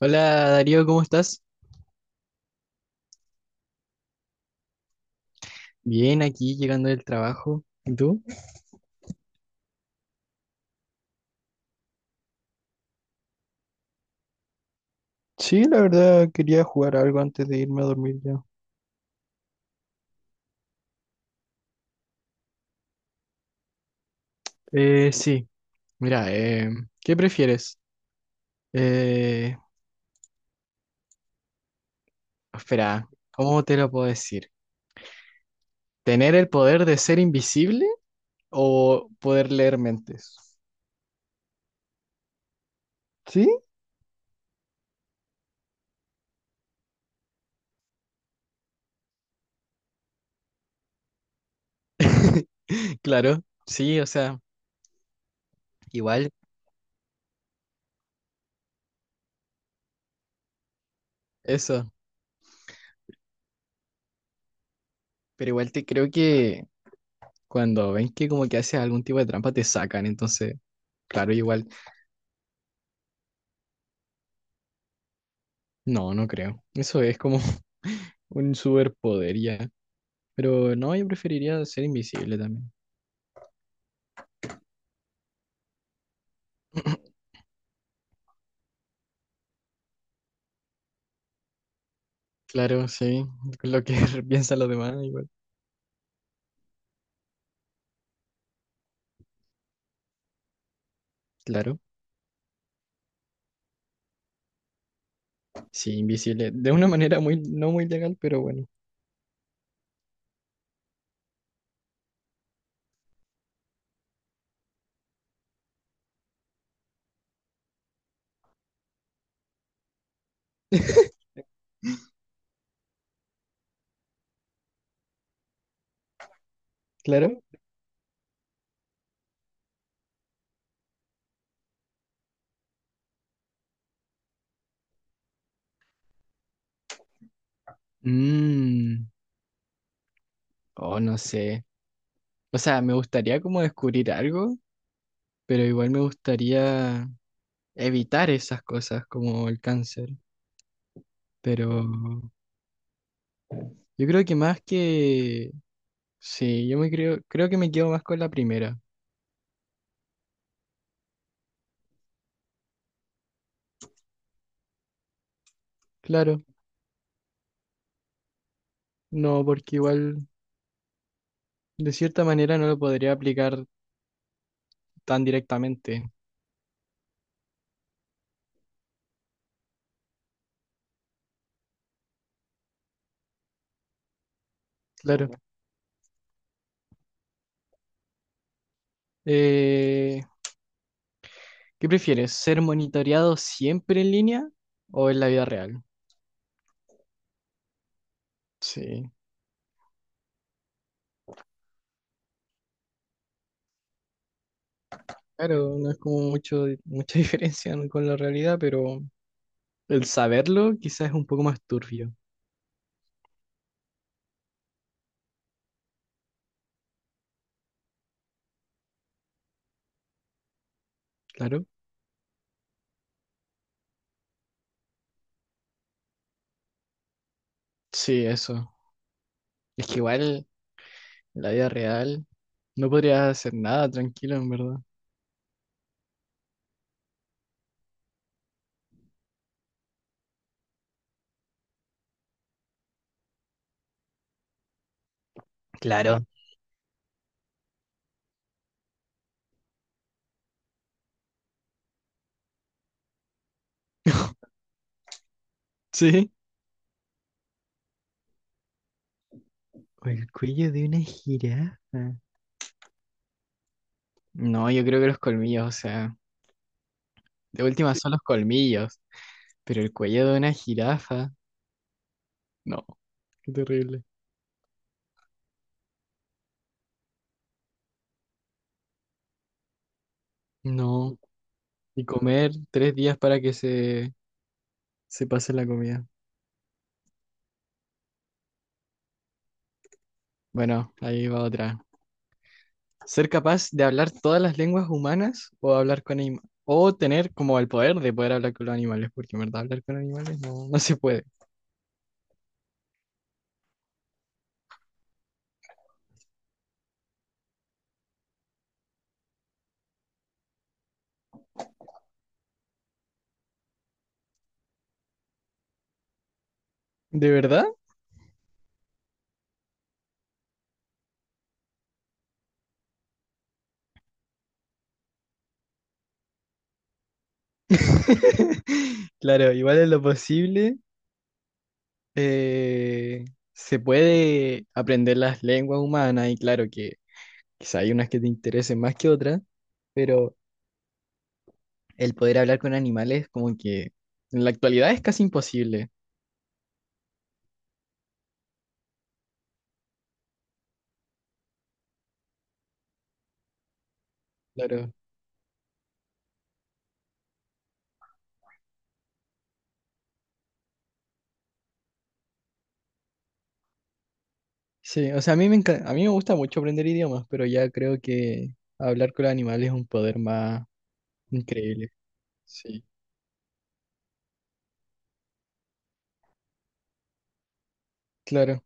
Hola Darío, ¿cómo estás? Bien, aquí llegando del trabajo. ¿Y tú? Sí, la verdad quería jugar algo antes de irme a dormir ya. Eh, sí, mira, ¿qué prefieres? Eh, espera, ¿cómo te lo puedo decir? ¿Tener el poder de ser invisible o poder leer mentes? ¿Sí? Claro, sí, o sea, igual, eso. Pero igual te creo que cuando ven que como que haces algún tipo de trampa te sacan, entonces, claro, igual. No, no creo. Eso es como un superpoder ya. Pero no, yo preferiría ser invisible también. Claro, sí. Lo que piensan los demás, igual. Claro, sí, invisible. De una manera muy, no muy legal, pero bueno. Claro. Mmm. Oh, no sé. O sea, me gustaría como descubrir algo, pero igual me gustaría evitar esas cosas como el cáncer. Pero yo creo que más que... Sí, creo que me quedo más con la primera. Claro. No, porque igual de cierta manera no lo podría aplicar tan directamente. Claro. Eh, ¿Qué prefieres? ¿Ser monitoreado siempre en línea o en la vida real? Sí. Claro, no es como mucha diferencia, ¿no?, con la realidad, pero el saberlo quizás es un poco más turbio. Claro. Sí, eso. Es que igual en la vida real no podrías hacer nada tranquilo, en verdad. Claro. Sí. O el cuello de una jirafa. No, yo creo que los colmillos, o sea. De última son los colmillos, pero el cuello de una jirafa, no, qué terrible. No, y comer tres días para que se pase la comida. Bueno, ahí va otra. Ser capaz de hablar todas las lenguas humanas o hablar con animales. O tener como el poder de poder hablar con los animales, porque en verdad hablar con animales no se puede. ¿De verdad? Claro, igual es lo posible. eh, Se puede aprender las lenguas humanas y claro que quizá hay unas que te interesen más que otras, pero el poder hablar con animales como que en la actualidad es casi imposible. Claro. Sí, o sea, a mí me gusta mucho aprender idiomas, pero ya creo que hablar con los animales es un poder más increíble. Sí, claro.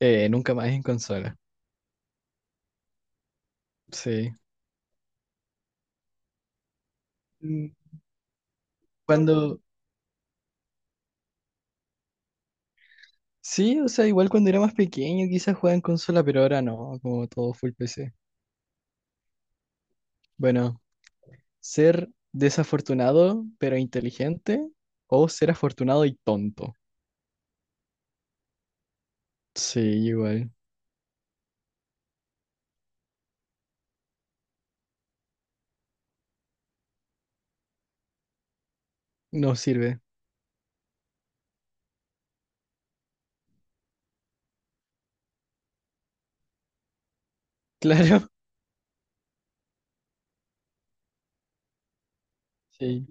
Nunca más en consola. Sí. Mm, cuando, sí, o sea, igual cuando era más pequeño quizás jugaba en consola, pero ahora no, como todo full PC. Bueno. Ser desafortunado pero inteligente o ser afortunado y tonto. Sí, igual. No sirve. Claro. Sí,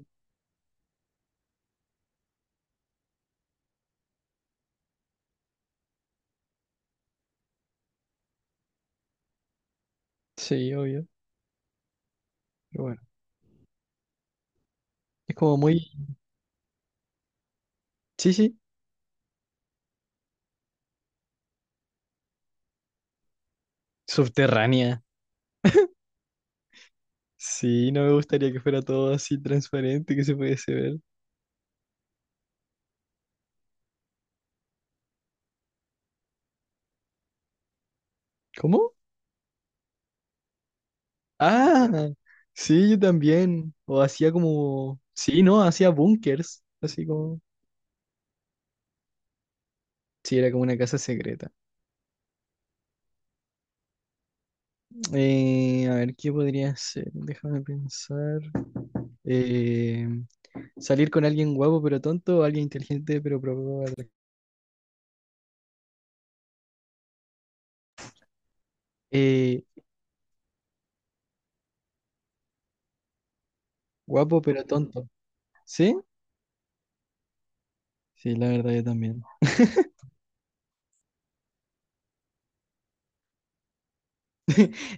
sí, obvio. Pero bueno, es como muy... Sí, sí. Subterránea. Sí, no me gustaría que fuera todo así transparente que se pudiese ver. ¿Cómo? Ah, sí, yo también. O hacía como... Sí, no, hacía búnkers. Así como... Sí, era como una casa secreta. A ver, ¿qué podría ser? Déjame pensar. eh, Salir con alguien guapo pero tonto o alguien inteligente pero poco atractivo. Eh, guapo pero tonto. ¿Sí? Sí, la verdad yo también.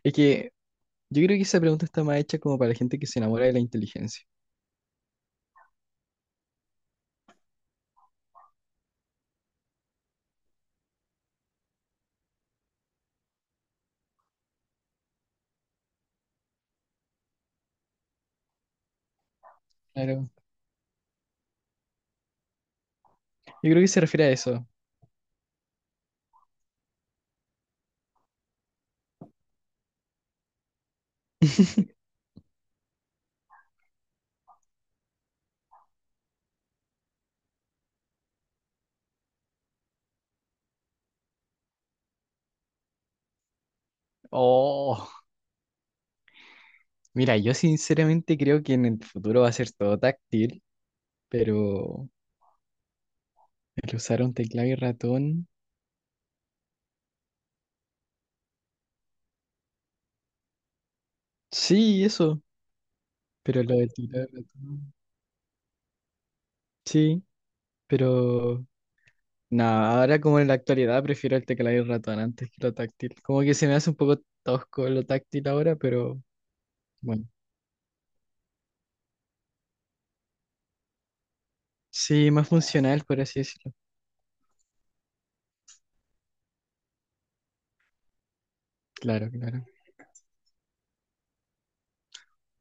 Es que yo creo que esa pregunta está más hecha como para la gente que se enamora de la inteligencia. Claro. Yo creo que se refiere a eso. Oh, mira, yo sinceramente creo que en el futuro va a ser todo táctil, pero el usar un teclado y ratón. Sí, eso. Pero lo del teclado y ratón. Sí, pero no, ahora como en la actualidad prefiero el teclado y el ratón antes que lo táctil. Como que se me hace un poco tosco lo táctil ahora, pero bueno. Sí, más funcional, por así decirlo. Claro, claro.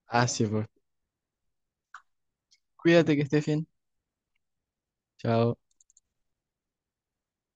Ah, sí, pues. Cuídate, que estés bien. Chao.